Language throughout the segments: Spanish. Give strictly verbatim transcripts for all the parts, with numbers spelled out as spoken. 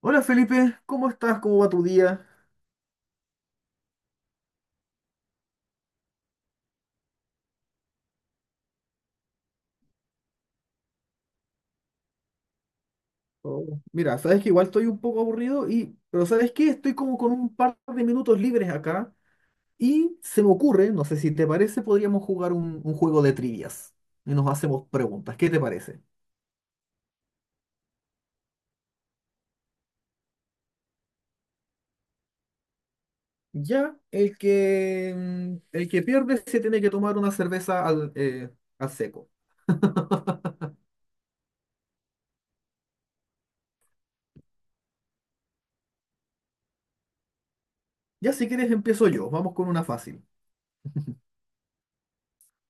Hola Felipe, ¿cómo estás? ¿Cómo va tu día? Oh, mira, sabes que igual estoy un poco aburrido y, pero ¿sabes qué? Estoy como con un par de minutos libres acá y se me ocurre, no sé si te parece, podríamos jugar un, un juego de trivias y nos hacemos preguntas. ¿Qué te parece? Ya, el que, mm, el que pierde se tiene que tomar una cerveza al, eh, al seco. Ya si quieres empiezo yo, vamos con una fácil.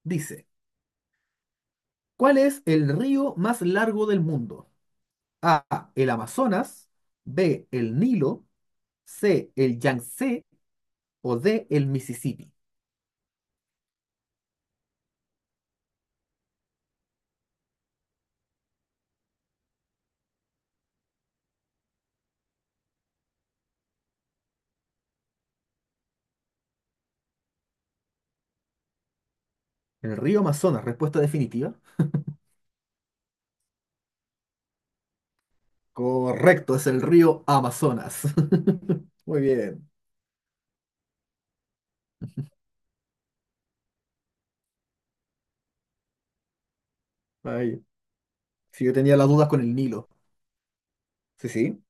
Dice, ¿cuál es el río más largo del mundo? A, el Amazonas; B, el Nilo; C, el Yangtze; o D, el Mississippi. El río Amazonas, respuesta definitiva. Correcto, es el río Amazonas. Muy bien. Ay, sí, yo tenía las dudas con el Nilo. Sí, sí.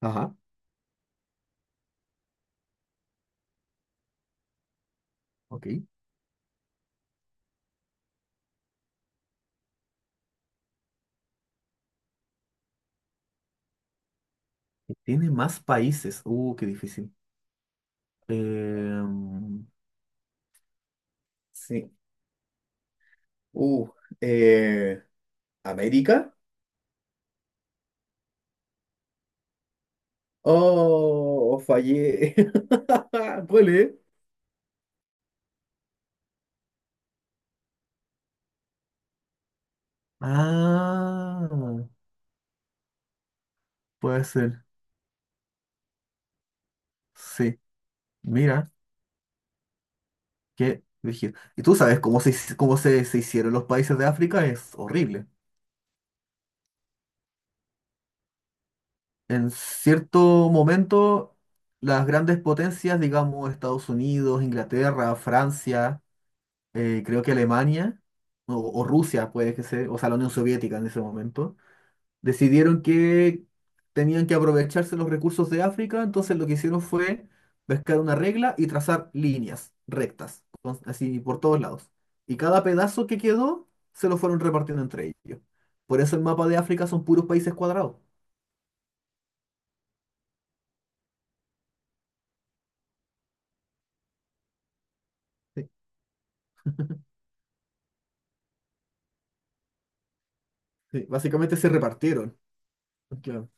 Ajá. Ok. Y tiene más países. Uh, qué difícil. Em, Sí. Uh, eh, ¿América? Oh, fallé. ¿Cuál es? Ah, puede ser. Sí. Mira. Qué brígido. Y tú sabes cómo se, hici- cómo se, se hicieron los países de África, es horrible. En cierto momento, las grandes potencias, digamos Estados Unidos, Inglaterra, Francia, eh, creo que Alemania, o, o Rusia puede que sea, o sea, la Unión Soviética en ese momento, decidieron que tenían que aprovecharse los recursos de África, entonces lo que hicieron fue pescar una regla y trazar líneas rectas, con- así por todos lados. Y cada pedazo que quedó se lo fueron repartiendo entre ellos. Por eso el mapa de África son puros países cuadrados. Sí, sí, básicamente se repartieron. Claro.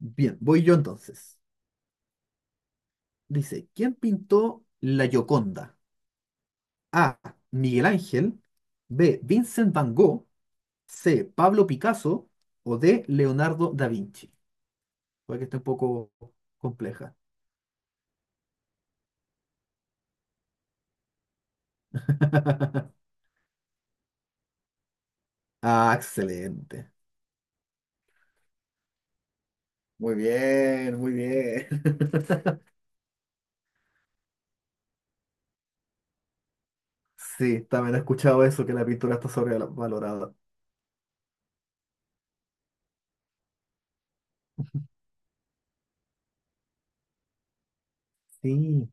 Bien, voy yo entonces. Dice, ¿quién pintó la Gioconda? A, Miguel Ángel; B, Vincent Van Gogh; C, Pablo Picasso; o D, Leonardo da Vinci. Puede que esté un poco compleja. Ah, excelente. Muy bien, muy bien. Sí, también he escuchado eso, que la pintura está sobrevalorada. Sí,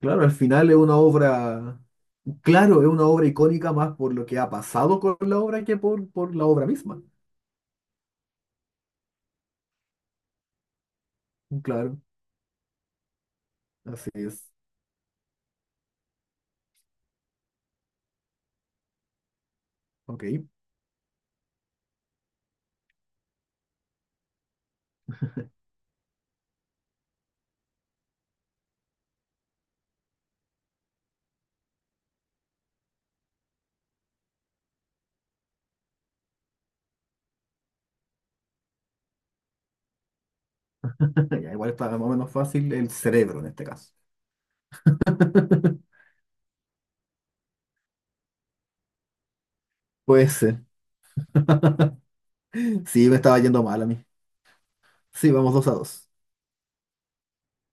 claro, al final es una obra, claro, es una obra icónica más por lo que ha pasado con la obra que por, por la obra misma. Claro, así es. Ok. Ya, igual está más o menos fácil el cerebro en este caso. Puede ser. Sí, me estaba yendo mal a mí. Sí, vamos dos a dos.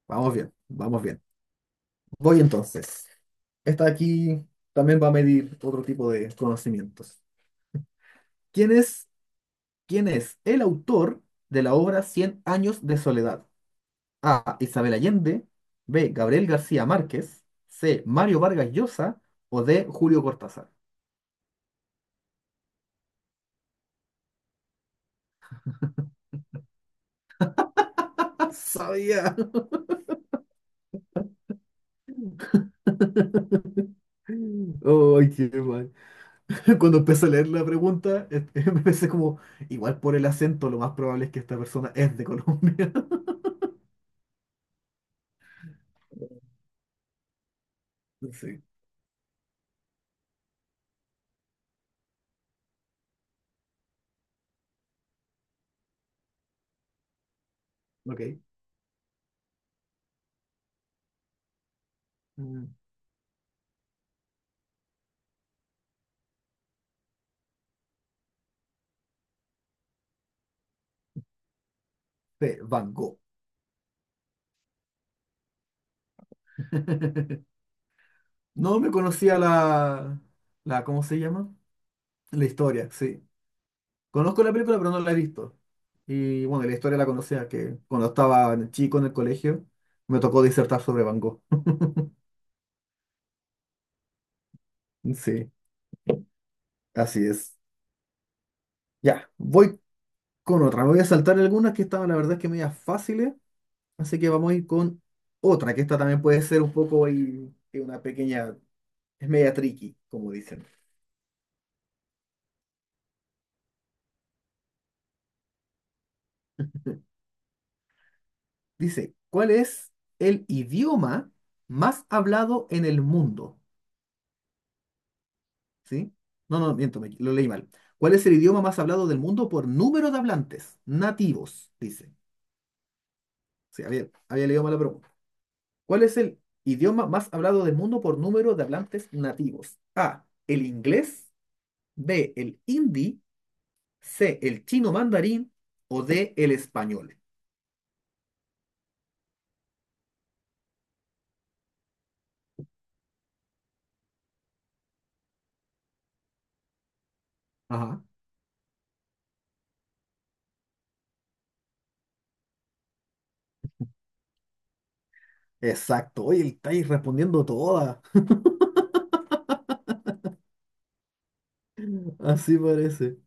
Vamos bien, vamos bien. Voy entonces. Esta aquí también va a medir otro tipo de conocimientos. ¿Quién es, quién es el autor de la obra Cien años de soledad? A, Isabel Allende; B, Gabriel García Márquez; C, Mario Vargas Llosa; o D, Julio Cortázar. ¡Ah, sabía! ¡Ay, qué mal! Cuando empecé a leer la pregunta, eh, me pensé como, igual por el acento, lo más probable es que esta persona es de Colombia. Sí, ok. Mm, sí, Van Gogh. No me conocía la, la, ¿cómo se llama? La historia, sí. Conozco la película, pero no la he visto. Y bueno, la historia la conocía, que cuando estaba chico en el colegio, me tocó disertar sobre Van Gogh. Sí, así es. Ya, voy con otra. Me voy a saltar algunas que estaban, la verdad, es que medias fáciles. Así que vamos a ir con otra, que esta también puede ser un poco y, y una pequeña, es media tricky, como dicen. Dice, ¿cuál es el idioma más hablado en el mundo? ¿Sí? No, no, miento, me- lo leí mal. ¿Cuál es el idioma más hablado del mundo por número de hablantes nativos? Dice. Sí, había, había leído mal la pregunta. ¿Cuál es el idioma más hablado del mundo por número de hablantes nativos? A, el inglés; B, el hindi; C, el chino mandarín; o D, el español. Ajá. Exacto. Oye, estáis respondiendo todas. Así parece.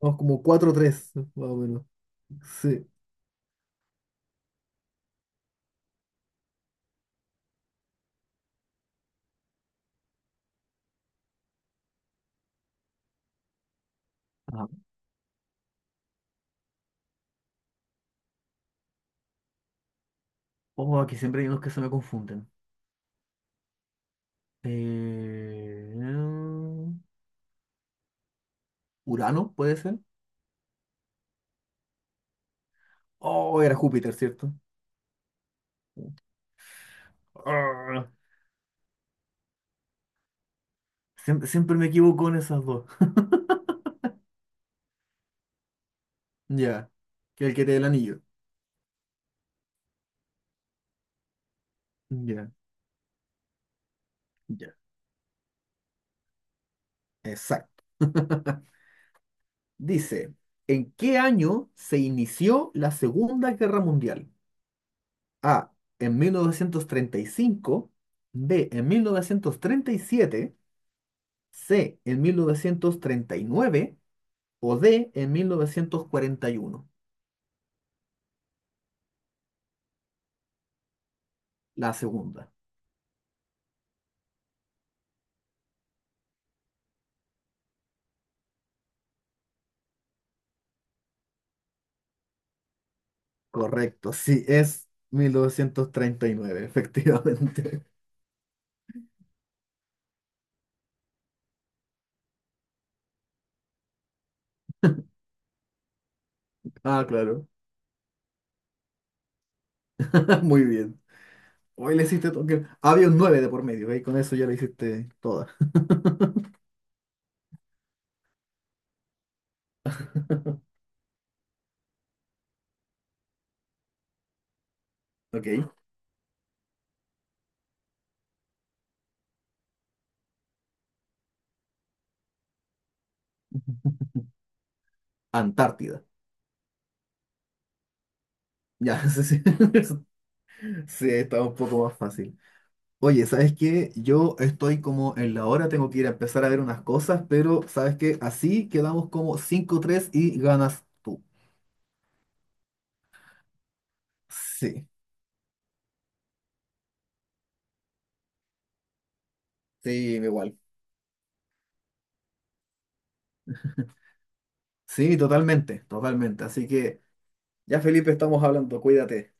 Vamos como cuatro tres más o menos. Sí. Ajá. Oh, aquí siempre hay unos que se me confunden. Eh, ¿Urano puede ser? Oh, era Júpiter, ¿cierto? Ah, siem- siempre me equivoco en esas dos. Ya. Que el que te dé el anillo. Ya, ya. Exacto. Dice, ¿en qué año se inició la Segunda Guerra Mundial? A, en mil novecientos treinta y cinco; B, en mil novecientos treinta y siete; C, en mil novecientos treinta y nueve; o D, en mil novecientos cuarenta y uno. La segunda. Correcto, sí, es mil novecientos treinta y nueve, efectivamente. Ah, claro. Muy bien. Hoy le hiciste... todo- Había un nueve de por medio, ¿ve? Con eso ya le hiciste toda. Ok. Antártida. Ya, sí, sí, sí, está un poco más fácil. Oye, ¿sabes qué? Yo estoy como en la hora, tengo que ir a empezar a ver unas cosas, pero ¿sabes qué? Así quedamos como cinco tres y ganas tú. Sí, sí, igual. Sí, totalmente, totalmente. Así que ya, Felipe, estamos hablando, cuídate.